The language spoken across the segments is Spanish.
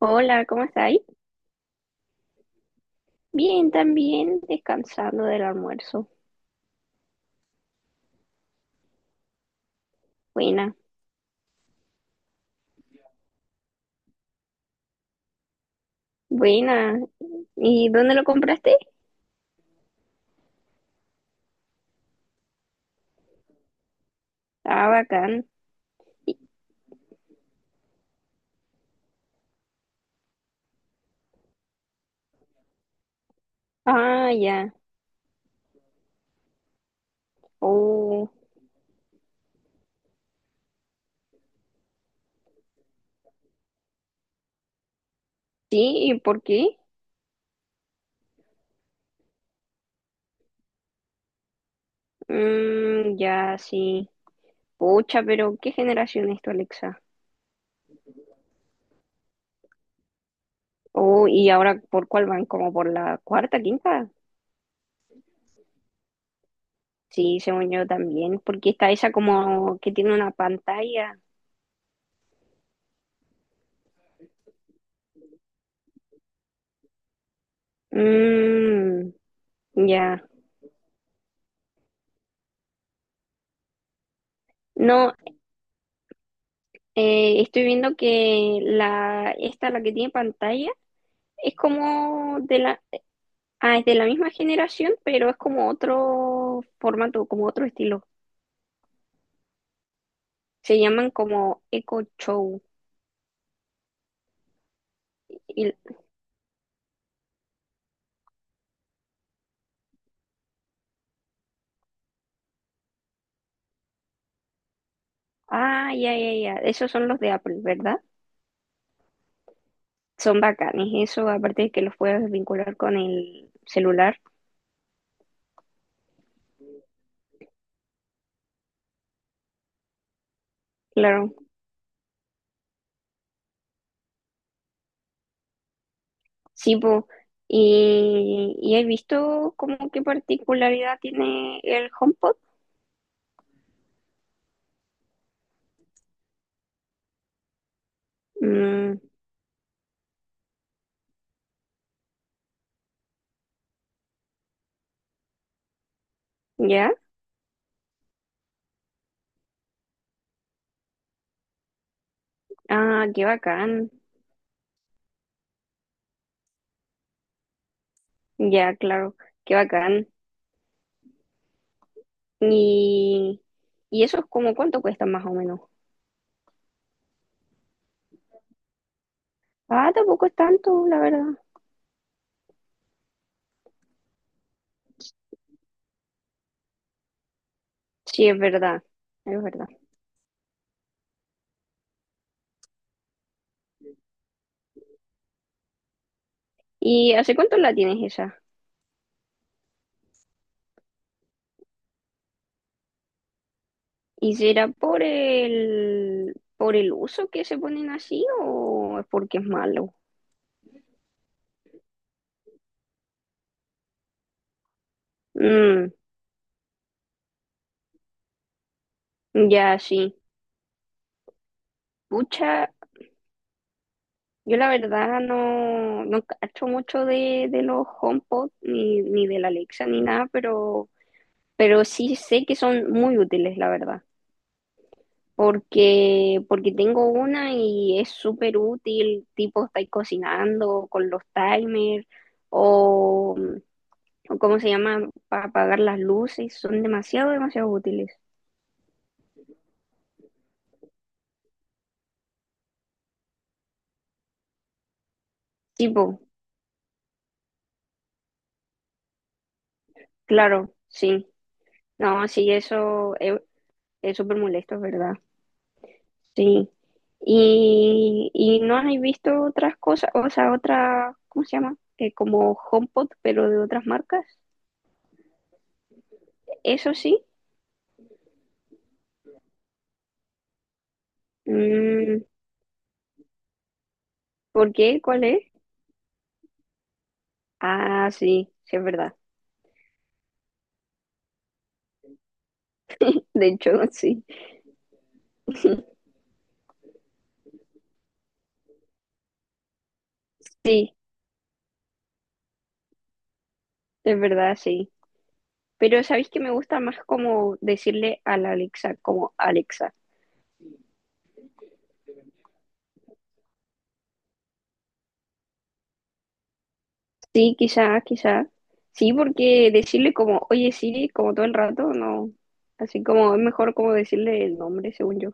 Hola, ¿cómo estáis? Bien, también descansando del almuerzo. Buena, buena. ¿Y dónde lo compraste? Ah, bacán. Ah, ya. Oh, sí, ¿y por qué? Mm, ya, sí. Pucha, pero ¿qué generación es tu Alexa? Oh, ¿y ahora por cuál van? ¿Como por la cuarta, quinta? Sí, según yo también, porque está esa como que tiene una pantalla. Mmm, ya. No, estoy viendo que la que tiene pantalla, es como de es de la misma generación, pero es como otro formato, como otro estilo. Se llaman como Echo Show. Y- ah, ya. Esos son los de Apple, ¿verdad? Son bacanes. Eso, aparte de que los puedes vincular con el celular. Claro. Sí, po. Y he visto como qué particularidad tiene el HomePod. Mm, ya. Ah, qué bacán. Ya, claro, qué bacán. Y, y eso es como cuánto cuesta más o menos. Ah, tampoco es tanto, la verdad. Sí, es verdad, es verdad. ¿Y hace cuánto la tienes esa? ¿Y será por el uso que se ponen así o es porque es malo? Mm, ya, sí. Pucha, yo la verdad no cacho mucho de los HomePod ni de la Alexa ni nada, pero sí sé que son muy útiles, la verdad. Porque, porque tengo una y es súper útil, tipo estáis cocinando con los timers o, o cómo se llama, para apagar las luces, son demasiado, demasiado útiles. Tipo, claro, sí. No, sí, eso es súper molesto, es ¿verdad? Sí. Y no has visto otras cosas, o sea, otra, ¿cómo se llama? Como HomePod, pero de otras marcas. Eso sí. Mm, ¿por qué? ¿Cuál es? Ah, sí es verdad. De hecho, sí. Sí, es verdad, sí. Pero ¿sabéis que me gusta más como decirle a la Alexa, como Alexa? Sí, quizá, quizá. Sí, porque decirle como, oye Siri, como todo el rato, no. Así como es mejor como decirle el nombre, según yo.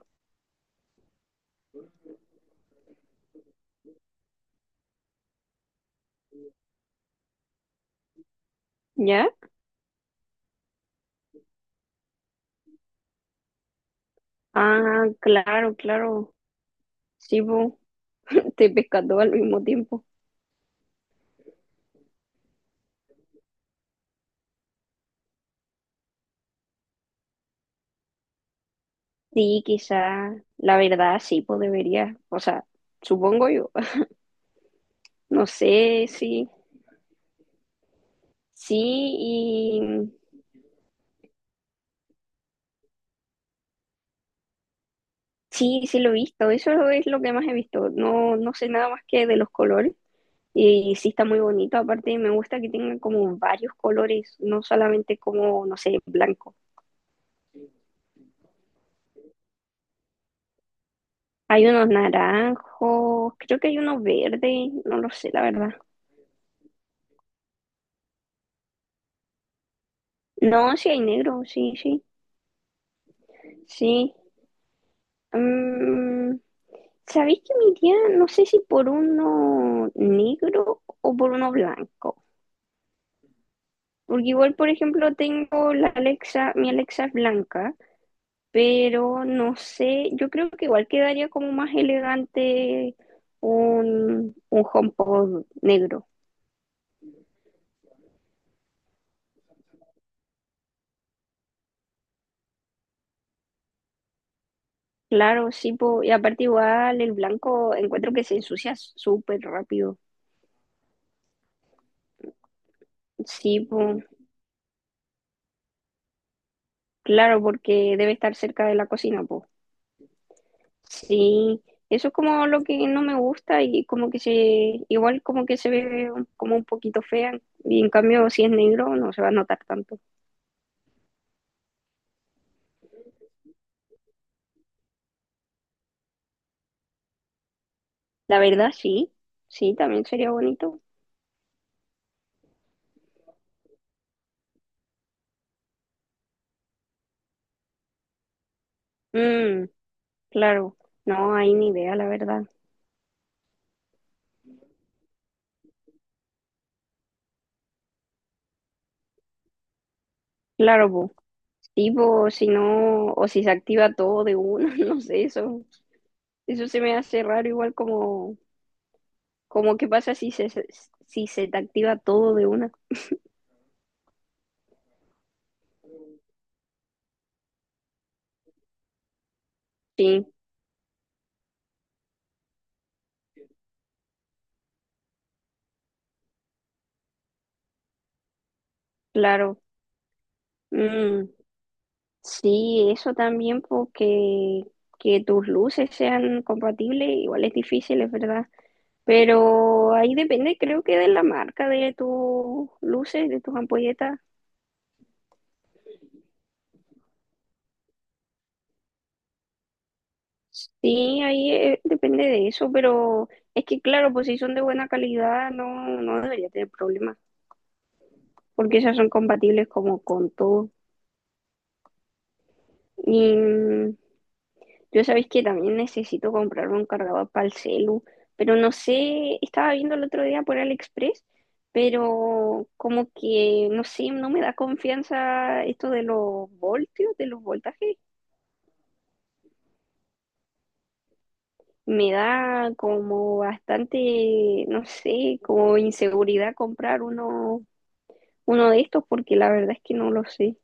¿Ya? Ah, claro, claro. Sí, po. Te pesca todo al mismo tiempo. Sí, quizá. La verdad, sí, pues debería. O sea, supongo yo. No sé si. Sí, y sí lo he visto. Eso es lo que más he visto. No sé nada más que de los colores. Y sí está muy bonito. Aparte, me gusta que tengan como varios colores, no solamente como, no sé, blanco. Hay unos naranjos, creo que hay uno verde, no lo sé, la verdad. No, sí hay negro, sí. Mm, ¿sabéis que me iría, no sé si por uno negro o por uno blanco? Porque igual, por ejemplo, tengo la Alexa, mi Alexa es blanca, pero no sé, yo creo que igual quedaría como más elegante un HomePod negro. Claro, sí, po, y aparte igual el blanco encuentro que se ensucia súper rápido. Sí, po, claro, porque debe estar cerca de la cocina, po. Sí, eso es como lo que no me gusta y como que igual como que se ve como un poquito fea y en cambio si es negro no se va a notar tanto. La verdad, sí, también sería bonito. Mm, claro, no hay ni idea, la verdad. Claro, bo, sí, bo, si no, o si se activa todo de uno, no sé, eso se me hace raro, igual como, como qué pasa si se te activa todo de una. Sí, claro. Mm, sí, eso también, porque que tus luces sean compatibles, igual es difícil, es verdad. Pero ahí depende, creo que de la marca, de tus luces, de tus ampolletas. Sí, ahí depende de eso, pero es que claro, pues si son de buena calidad, no debería tener problemas, porque esas son compatibles como con todo. Y mm, yo sabéis que también necesito comprar un cargador para el celu, pero no sé, estaba viendo el otro día por AliExpress, pero como que, no sé, no me da confianza esto de los voltios, de los voltajes. Me da como bastante, no sé, como inseguridad comprar uno de estos porque la verdad es que no lo sé.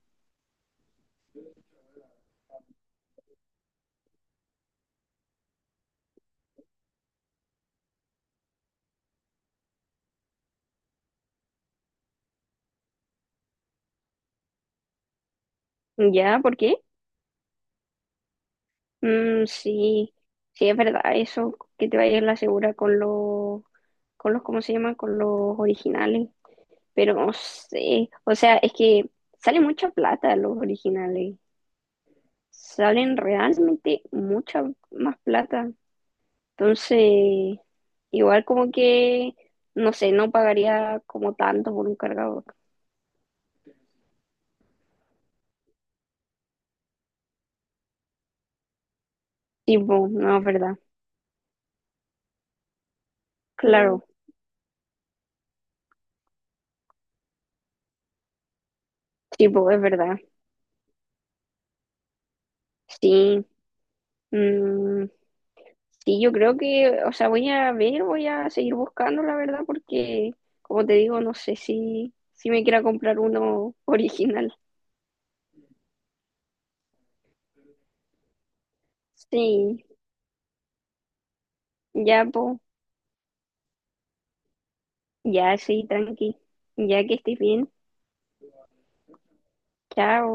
¿Ya? ¿Por qué? Mm, sí, sí es verdad eso, que te vayas a la segura con con los, ¿cómo se llama? Con los originales, pero no sé, o sea, es que sale mucha plata los originales, salen realmente mucha más plata. Entonces, igual como que, no sé, no pagaría como tanto por un cargador. Tipo, no, es verdad. Mm, claro, tipo, es verdad. Sí. Mm, sí, yo creo que, o sea, voy a ver, voy a seguir buscando, la verdad, porque, como te digo, no sé si me quiera comprar uno original. Sí, ya, po, ya, sí, tranqui. Ya que estés bien. Chao.